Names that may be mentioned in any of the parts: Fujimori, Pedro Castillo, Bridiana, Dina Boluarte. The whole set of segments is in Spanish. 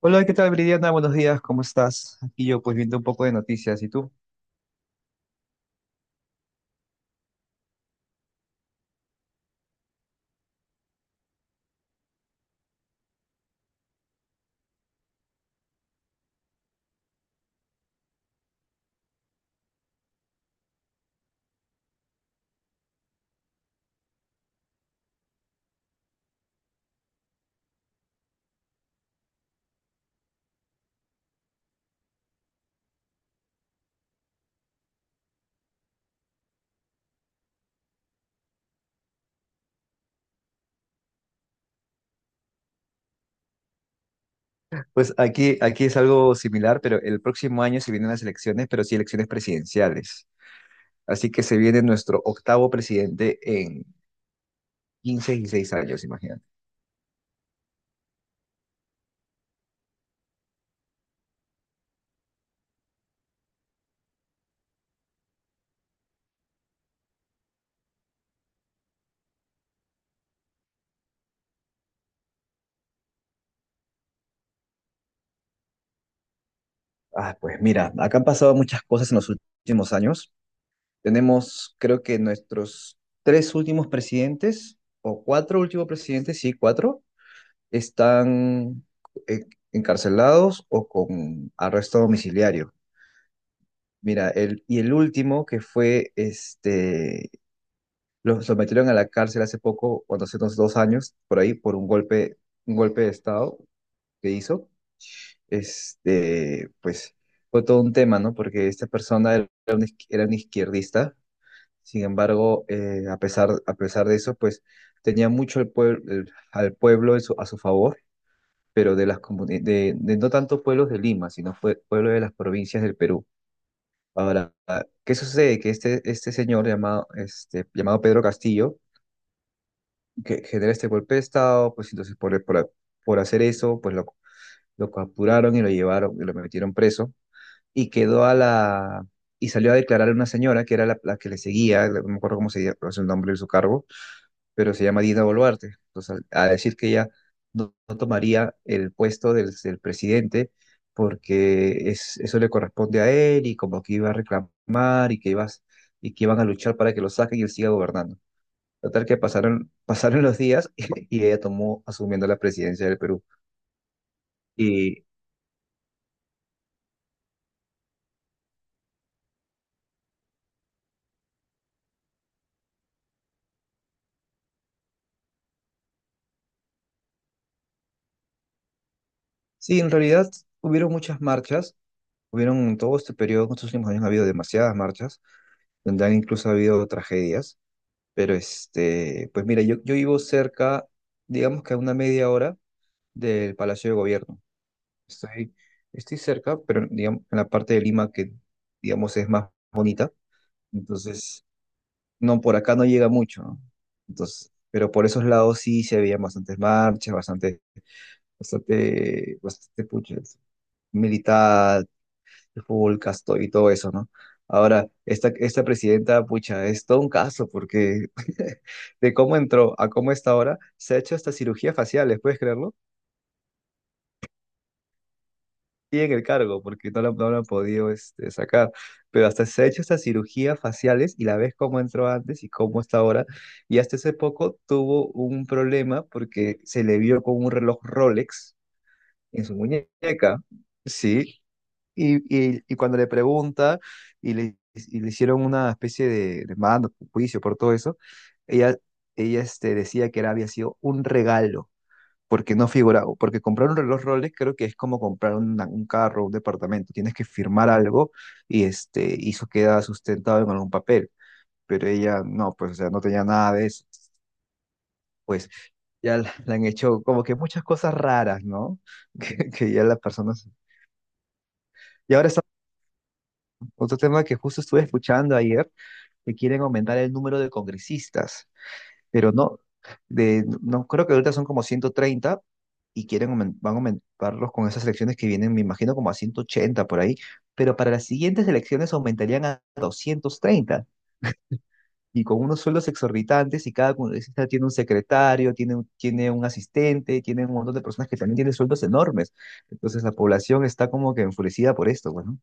Hola, ¿qué tal, Bridiana? Buenos días, ¿cómo estás? Aquí yo pues viendo un poco de noticias, ¿y tú? Pues aquí es algo similar, pero el próximo año se vienen las elecciones, pero sí elecciones presidenciales. Así que se viene nuestro octavo presidente en 15 y 6 años, imagínate. Ah, pues mira, acá han pasado muchas cosas en los últimos años. Tenemos, creo que nuestros tres últimos presidentes, o cuatro últimos presidentes, sí, cuatro, están eh, encarcelados o con arresto domiciliario. Mira, y el último que fue, lo sometieron a la cárcel hace poco, cuando hace unos 2 años, por ahí, por un golpe de Estado que hizo. Pues fue todo un tema, ¿no? Porque esta persona era era un izquierdista, sin embargo, a pesar de eso, pues tenía mucho el pueblo, al pueblo a su favor, pero de no tanto pueblos de Lima, sino fue pueblo de las provincias del Perú. Ahora, ¿qué sucede? Que este señor llamado, llamado Pedro Castillo, que genera este golpe de Estado, pues entonces por hacer eso, pues lo capturaron y lo llevaron y lo metieron preso y quedó a la... y salió a declarar a una señora que era la que le seguía, no me acuerdo cómo se llama, no sé el nombre de su cargo, pero se llama Dina Boluarte. Entonces, a decir que ella no tomaría el puesto del presidente porque eso le corresponde a él y como que iba a reclamar y que y que iban a luchar para que lo saquen y él siga gobernando. Total que pasaron, pasaron los días y ella tomó asumiendo la presidencia del Perú. Y sí, en realidad hubieron muchas marchas, hubieron en todo este periodo, en estos últimos años ha habido demasiadas marchas, donde han incluso habido tragedias. Pero pues mira, yo vivo cerca, digamos que a una media hora del Palacio de Gobierno. Estoy, estoy cerca, pero digamos en la parte de Lima que, digamos, es más bonita. Entonces, no, por acá no llega mucho, ¿no? Entonces, pero por esos lados sí se veían bastantes marchas, bastante, bastante, bastante pucha, militar, el fútbol casto y todo eso, ¿no? Ahora, esta presidenta, pucha, es todo un caso porque de cómo entró a cómo está ahora, se ha hecho hasta cirugía facial, ¿puedes creerlo? Y en el cargo, porque no la han podido sacar, pero hasta se ha hecho hasta cirugías faciales y la ves cómo entró antes y cómo está ahora. Y hasta hace poco tuvo un problema porque se le vio con un reloj Rolex en su muñeca. Sí, Y, y cuando le pregunta y le hicieron una especie de mando, juicio por todo eso, ella, ella decía que era, había sido un regalo, porque no figuraba, porque comprar un reloj Rolex creo que es como comprar un carro, un departamento, tienes que firmar algo y, y eso queda sustentado en algún papel, pero ella no, pues o sea, no tenía nada de eso. Pues ya la han hecho como que muchas cosas raras, ¿no? Que ya las personas... Y ahora otro tema que justo estuve escuchando ayer, que quieren aumentar el número de congresistas, pero no, no creo que ahorita son como 130 y quieren van a aumentarlos con esas elecciones que vienen, me imagino como a 180 por ahí, pero para las siguientes elecciones aumentarían a 230 y con unos sueldos exorbitantes y cada congresista tiene un secretario, tiene, tiene un asistente, tiene un montón de personas que también tienen sueldos enormes. Entonces la población está como que enfurecida por esto, bueno.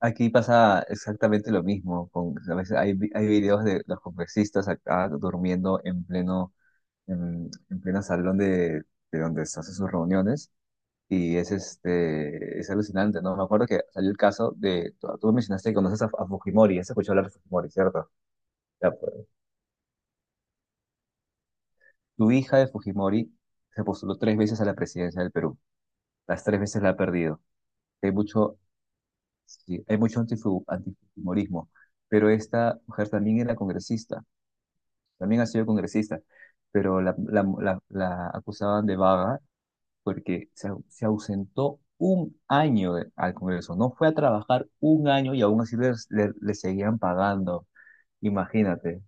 Aquí pasa exactamente lo mismo. A veces hay videos de los congresistas acá durmiendo en pleno, en pleno salón de donde se hacen sus reuniones. Y es alucinante, ¿no? Me acuerdo que salió el caso de, tú mencionaste que conoces a Fujimori, has escuchado hablar de Fujimori, ¿cierto? Ya, pues, tu hija de Fujimori se postuló tres veces a la presidencia del Perú. Las tres veces la ha perdido. Hay mucho, sí, hay mucho antifujimorismo, pero esta mujer también era congresista, también ha sido congresista, pero la acusaban de vaga porque se ausentó un año al Congreso, no fue a trabajar un año y aún así le seguían pagando, imagínate.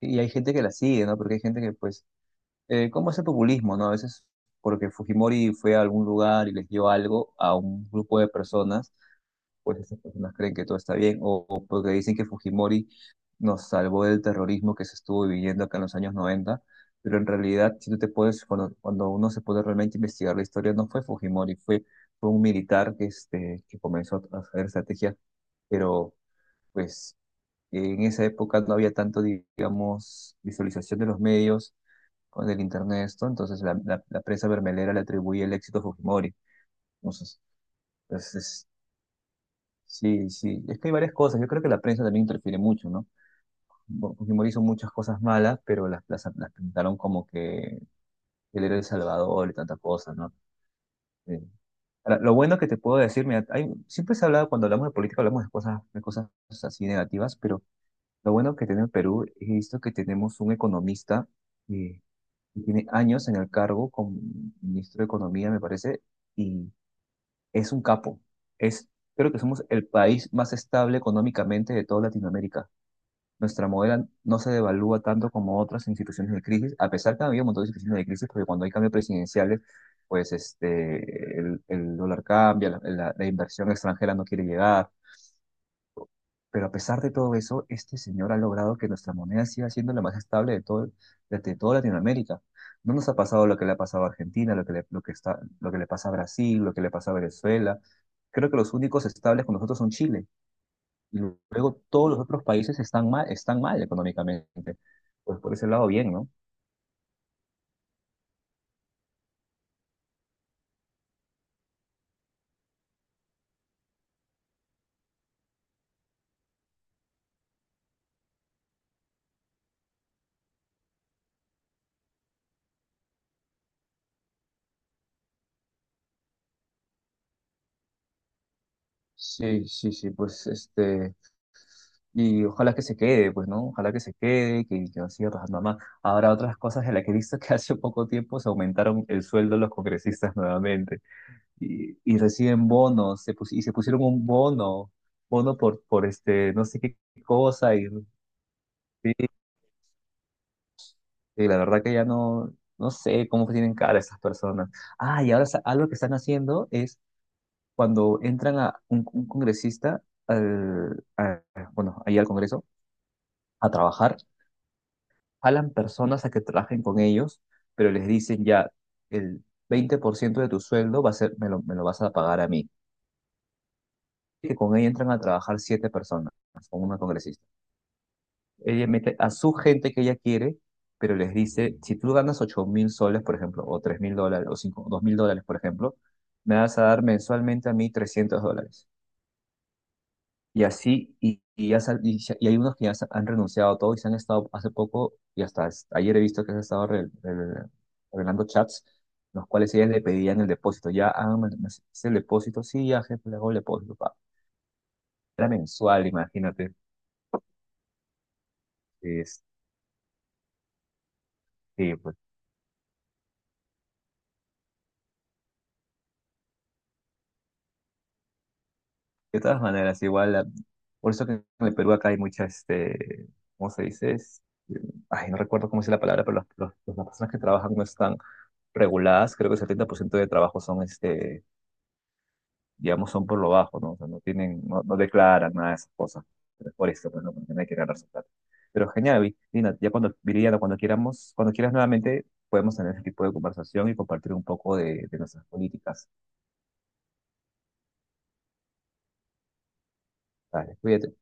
Y hay gente que la sigue, ¿no? Porque hay gente que, pues, ¿cómo es el populismo, no? A veces porque Fujimori fue a algún lugar y les dio algo a un grupo de personas, pues estas personas creen que todo está bien, o porque dicen que Fujimori nos salvó del terrorismo que se estuvo viviendo acá en los años noventa, pero en realidad, si tú te puedes, cuando, cuando uno se puede realmente investigar la historia, no fue Fujimori, fue un militar que, que comenzó a hacer estrategias, pero pues en esa época no había tanto, digamos, visualización de los medios con el internet, esto, entonces la prensa bermelera le atribuye el éxito a Fujimori. Entonces, entonces, sí, sí, es que hay varias cosas. Yo creo que la prensa también interfiere mucho, ¿no? Fujimori hizo muchas cosas malas, pero las pintaron como que él era el Salvador y tantas cosas, ¿no? Eh, ahora, lo bueno que te puedo decir, mira, siempre se ha hablado, cuando hablamos de política, hablamos de cosas así negativas, pero lo bueno que tiene el Perú es esto que tenemos un economista eh, que tiene años en el cargo como ministro de Economía, me parece, y es un capo. Es, creo que somos el país más estable económicamente de toda Latinoamérica. Nuestra moneda no se devalúa tanto como otras instituciones de crisis, a pesar que ha habido un montón de instituciones de crisis, porque cuando hay cambios presidenciales, pues este, el dólar cambia, la inversión extranjera no quiere llegar. Pero a pesar de todo eso, este señor ha logrado que nuestra moneda siga siendo la más estable de todo, de toda Latinoamérica. No nos ha pasado lo que le ha pasado a Argentina, lo que le pasa a Brasil, lo que le pasa a Venezuela. Creo que los únicos estables con nosotros son Chile y luego todos los otros países están mal económicamente. Pues por ese lado, bien, ¿no? Sí, sí, sí, pues este, y ojalá que se quede, pues, ¿no? Ojalá que se quede, que no siga trabajando más. Ahora, otras cosas en las que he visto que hace poco tiempo se aumentaron el sueldo de los congresistas nuevamente y reciben bonos, y se pusieron un bono, bono por este, no sé qué cosa, y, sí, y la verdad que ya no sé cómo tienen cara esas personas. Ah, y ahora algo que están haciendo es cuando entran a un congresista al, a- bueno, ahí al Congreso a trabajar, jalan personas a que trabajen con ellos, pero les dicen ya, el 20% de tu sueldo va a ser, me lo vas a pagar a mí. Y que con ella entran a trabajar siete personas, con una congresista. Ella mete a su gente que ella quiere, pero les dice, si tú ganas 8 mil soles, por ejemplo, o 3 mil dólares, o 5, 2 mil dólares, por ejemplo, me vas a dar mensualmente a mí $300. Y así, y ya y hay unos que ya se han renunciado a todo y se han estado hace poco, y hasta ayer he visto que se han estado revelando chats, los cuales ellas le pedían el depósito. Ya, ah, me haces el depósito, sí, ya, jefe, le hago el depósito. Pa. Era mensual, imagínate. Este, pues, de todas maneras, igual, por eso que en el Perú acá hay mucha, ¿cómo se dice? Ay, no recuerdo cómo es la palabra, pero las personas que trabajan no están reguladas, creo que el 70% de trabajo son este, digamos, son por lo bajo, ¿no? O sea, no tienen, no declaran nada de esas cosas. Pero es por eso, pues, ¿no? Porque no hay que ganar su plata. Pero genial, Viridiana, cuando queramos, cuando quieras nuevamente, podemos tener ese tipo de conversación y compartir un poco de nuestras políticas. Vale, cuídate.